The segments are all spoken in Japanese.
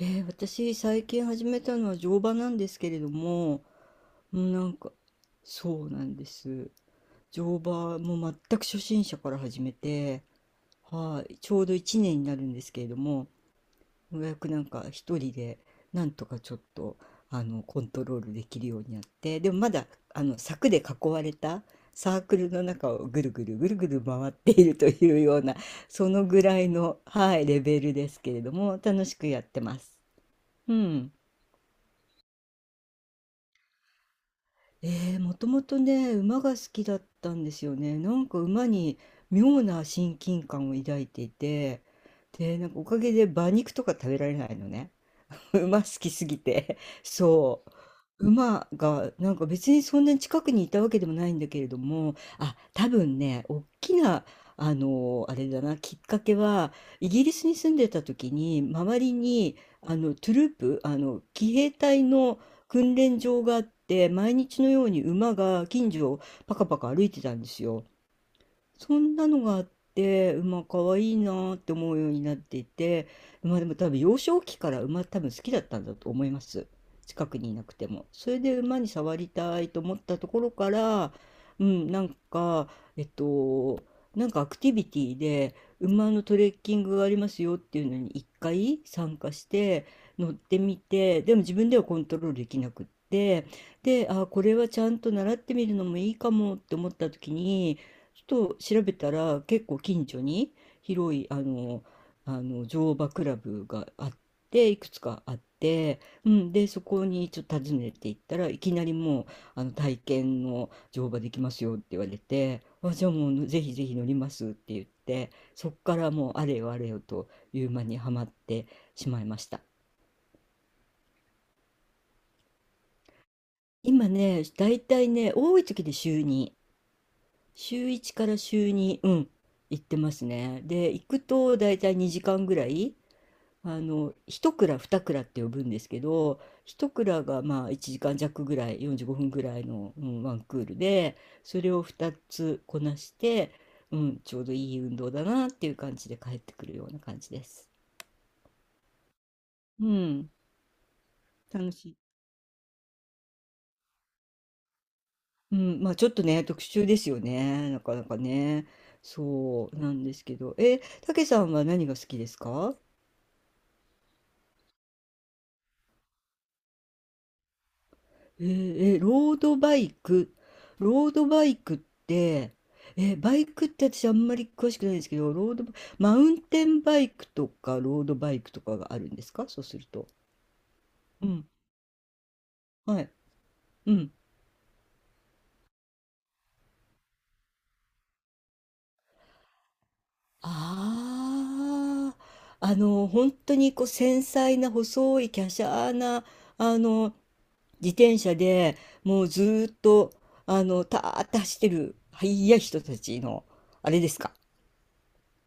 私最近始めたのは乗馬なんですけれども、うんなんかそうなんです。乗馬も全く初心者から始めて、はい、ちょうど1年になるんですけれども、ようやくなんか一人でなんとかちょっとコントロールできるようになって、でもまだあの柵で囲われたサークルの中をぐるぐるぐるぐる回っているというような、そのぐらいの、はい、レベルですけれども、楽しくやってます。うん。ええ、もともとね、馬が好きだったんですよね。なんか馬に妙な親近感を抱いていて、で、なんかおかげで馬肉とか食べられないのね。馬好きすぎて。そう。馬が、なんか別にそんなに近くにいたわけでもないんだけれども、あ、多分ね、大きな、あれだな、きっかけは、イギリスに住んでた時に、周りに、トゥループ、騎兵隊の訓練場があって、毎日のように馬が近所をパカパカ歩いてたんですよ。そんなのがあって、馬可愛いいなって思うようになっていて、馬でも多分幼少期から馬多分好きだったんだと思います。近くにいなくても。それで馬に触りたいと思ったところから、うん、なんか、えっと、なんかアクティビティで馬のトレッキングがありますよっていうのに一回参加して乗ってみて、でも自分ではコントロールできなくって、で、あ、これはちゃんと習ってみるのもいいかもって思った時に、ちょっと調べたら結構近所に広いあの乗馬クラブがあっていくつかあって、うん、でそこにちょっと訪ねていったらいきなりもうあの体験の乗馬できますよって言われてあじゃあもうぜひぜひ乗りますって言ってそっからもうあれよあれよという間にはまってしまいました。今ねだいたいね多い時で週に週1から週2、うん、行ってますね。で、行くと大体2時間ぐらい、1クラ、二クラって呼ぶんですけど、1クラがまあ1時間弱ぐらい、45分ぐらいの、うん、ワンクールで、それを2つこなして、うん、ちょうどいい運動だなっていう感じで帰ってくるような感じです。うん、楽しい。うん、まあちょっとね、特殊ですよね、なかなかね。そうなんですけど、え、たけさんは何が好きですか？ロードバイク、ロードバイクって、バイクって私あんまり詳しくないんですけど、ロードバ、マウンテンバイクとかロードバイクとかがあるんですか、そうすると？うん。はい。うん。ああ、本当にこう繊細な細い華奢な、あの、自転車でもうずーっと、たーって走ってる、速い人たちの、あれですか。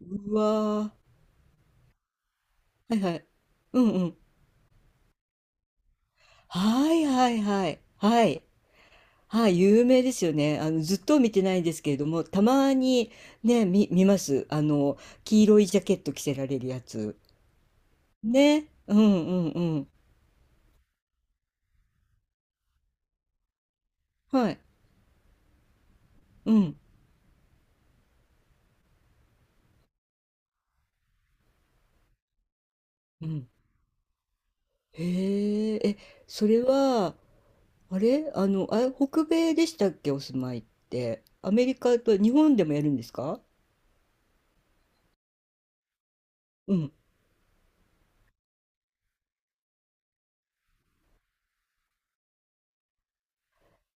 うわー、はいはい。うんはいはいはい。はい。はい。有名ですよね。ずっと見てないですけれども、たまにね、見ます。黄色いジャケット着せられるやつ。ね。うんうんうん。はい。うん。うん。へえ。それは、あれあの、あ北米でしたっけ、お住まいって？アメリカと日本でもやるんですか？うん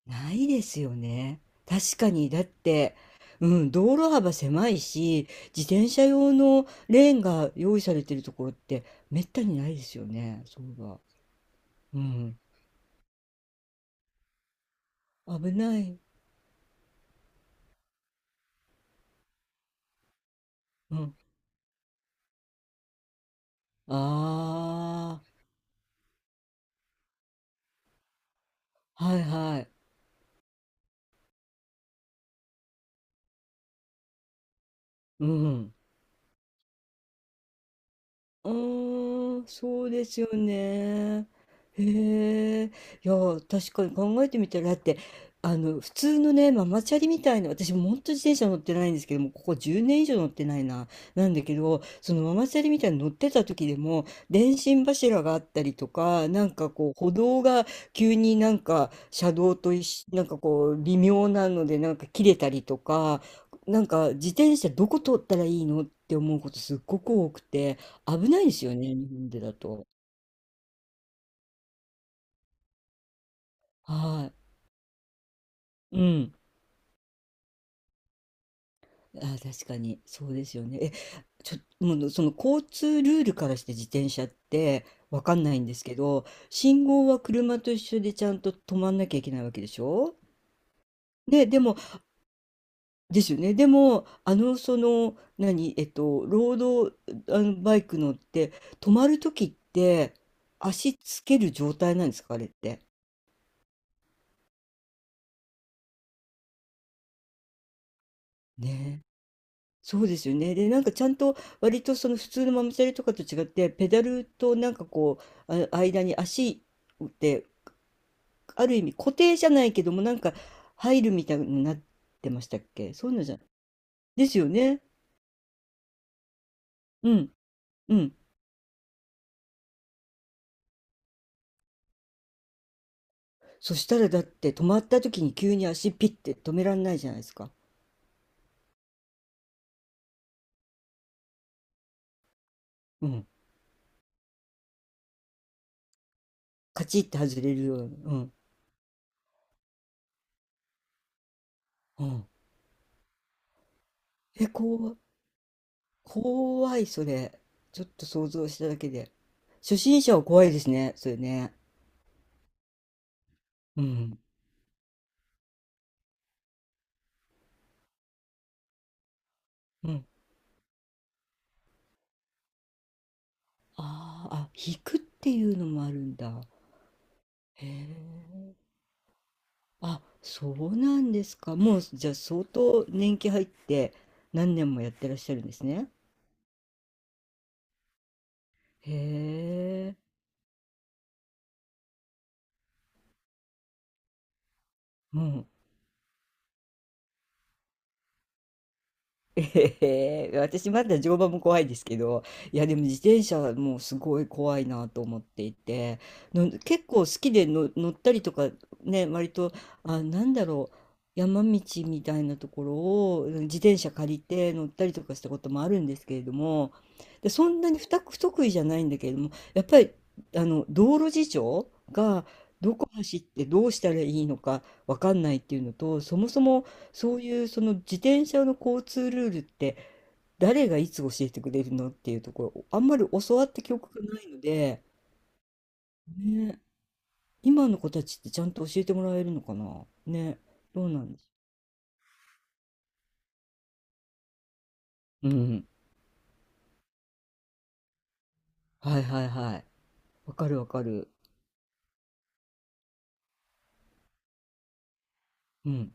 ないですよね。確かに。だって、うん、道路幅狭いし、自転車用のレーンが用意されてるところってめったにないですよね。そういえば。うん。危ない。うん。ああ、はいはい。うん。ああ、そうですよね。へえ。いや、確かに考えてみたら、だって、普通のね、ママチャリみたいな、私も本当自転車乗ってないんですけども、ここ10年以上乗ってないな、なんだけど、そのママチャリみたいに乗ってた時でも、電信柱があったりとか、なんかこう、歩道が急になんか車道と一緒、なんかこう、微妙なので、なんか切れたりとか、なんか自転車どこ通ったらいいのって思うことすっごく多くて。危ないですよね、日本でだと。はい。うん。あ確かに、そうですよね。え、ちょ、もう、その交通ルールからして自転車ってわかんないんですけど、信号は車と一緒でちゃんと止まんなきゃいけないわけでしょ？ね、でも、ですよね。でも、その、何、ロード、あの、バイク乗って、止まるときって、足つける状態なんですか、あれって？ねそうですよね。で、なんかちゃんと割とその普通のママチャリとかと違って、ペダルとなんかこう、あ、間に足ってある意味固定じゃないけども、なんか入るみたいになってましたっけ？そういうのじゃですよね。うん、うん。そしたらだって止まった時に急に足ピッて止めらんないじゃないですか。うん。カチって外れるような、うん、うん。え、こ怖いそれ。ちょっと想像しただけで。初心者は怖いですね、それね。うん、うん。ああ、あ、引くっていうのもあるんだ。へえ。あ、そうなんですか。もう、じゃあ相当年季入って何年もやってらっしゃるんですね。へえ。もうええ私まだ乗馬も怖いですけど、いやでも自転車はもうすごい怖いなと思っていて、の結構好きでの乗ったりとかね、割と、あ、なんだろう、山道みたいなところをうん自転車借りて乗ったりとかしたこともあるんですけれども、で、そんなに不得意じゃないんだけれども、やっぱりあの道路事情がどこ走ってどうしたらいいのかわかんないっていうのと、そもそもそういうその自転車の交通ルールって誰がいつ教えてくれるのっていうところあんまり教わった記憶がないので、ね、今の子たちってちゃんと教えてもらえるのかなね、どうなんでしょう。うん。はいはいはい。わかるわかる。うん。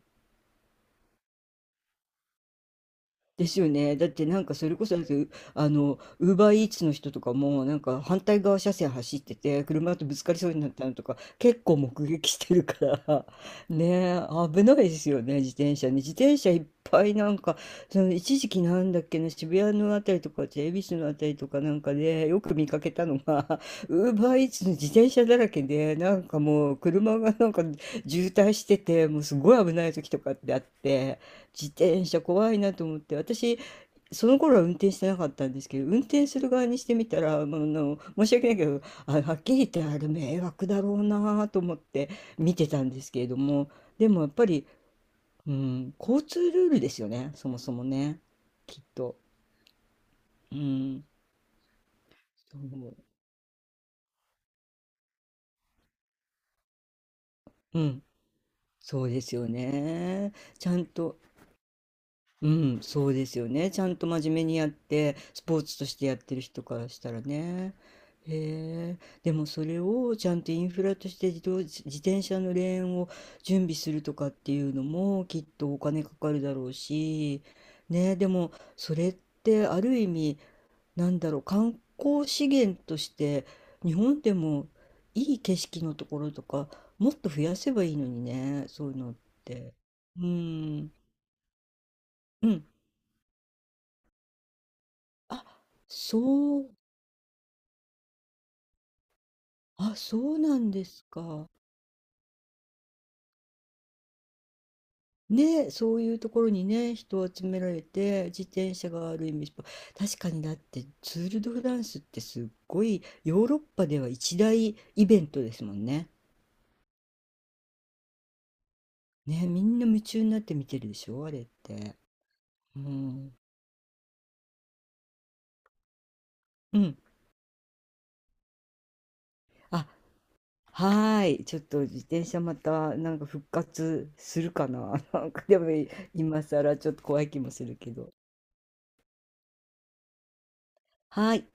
ですよね。だってなんかそれこそ、だってうあの、ウーバーイーツの人とかも、なんか反対側車線走ってて、車とぶつかりそうになったのとか、結構目撃してるから ねえ、危ないですよね、自転車ね。自転車いっぱいなんか、その一時期なんだっけな、渋谷のあたりとか、恵比寿のあたりとかなんかで、よく見かけたのが、ウーバーイーツの自転車だらけで、なんかもう車がなんか渋滞してて、もうすごい危ない時とかってあって、自転車怖いなと思って私その頃は運転してなかったんですけど運転する側にしてみたら、まあ、申し訳ないけどあはっきり言ってあれ迷惑だろうなと思って見てたんですけれどもでもやっぱり、うん、交通ルールですよねそもそもねきっと。うん、そう、うん、そうですよね。ちゃんとうん、そうですよね。ちゃんと真面目にやって、スポーツとしてやってる人からしたらね。へえ、でもそれをちゃんとインフラとして自転車のレーンを準備するとかっていうのもきっとお金かかるだろうし、ね、でもそれってある意味、なんだろう、観光資源として日本でもいい景色のところとかもっと増やせばいいのにね、そういうのって。うん。あ、そう、あ、そうなんですか。ね、そういうところにね、人を集められて、自転車がある意味、確かにだってツール・ド・フランスってすっごいヨーロッパでは一大イベントですもんね。ね、みんな夢中になって見てるでしょ、あれって。うん。うん。あ、はーい。ちょっと自転車またなんか復活するかな。なんかでも今更ちょっと怖い気もするけど。はーい。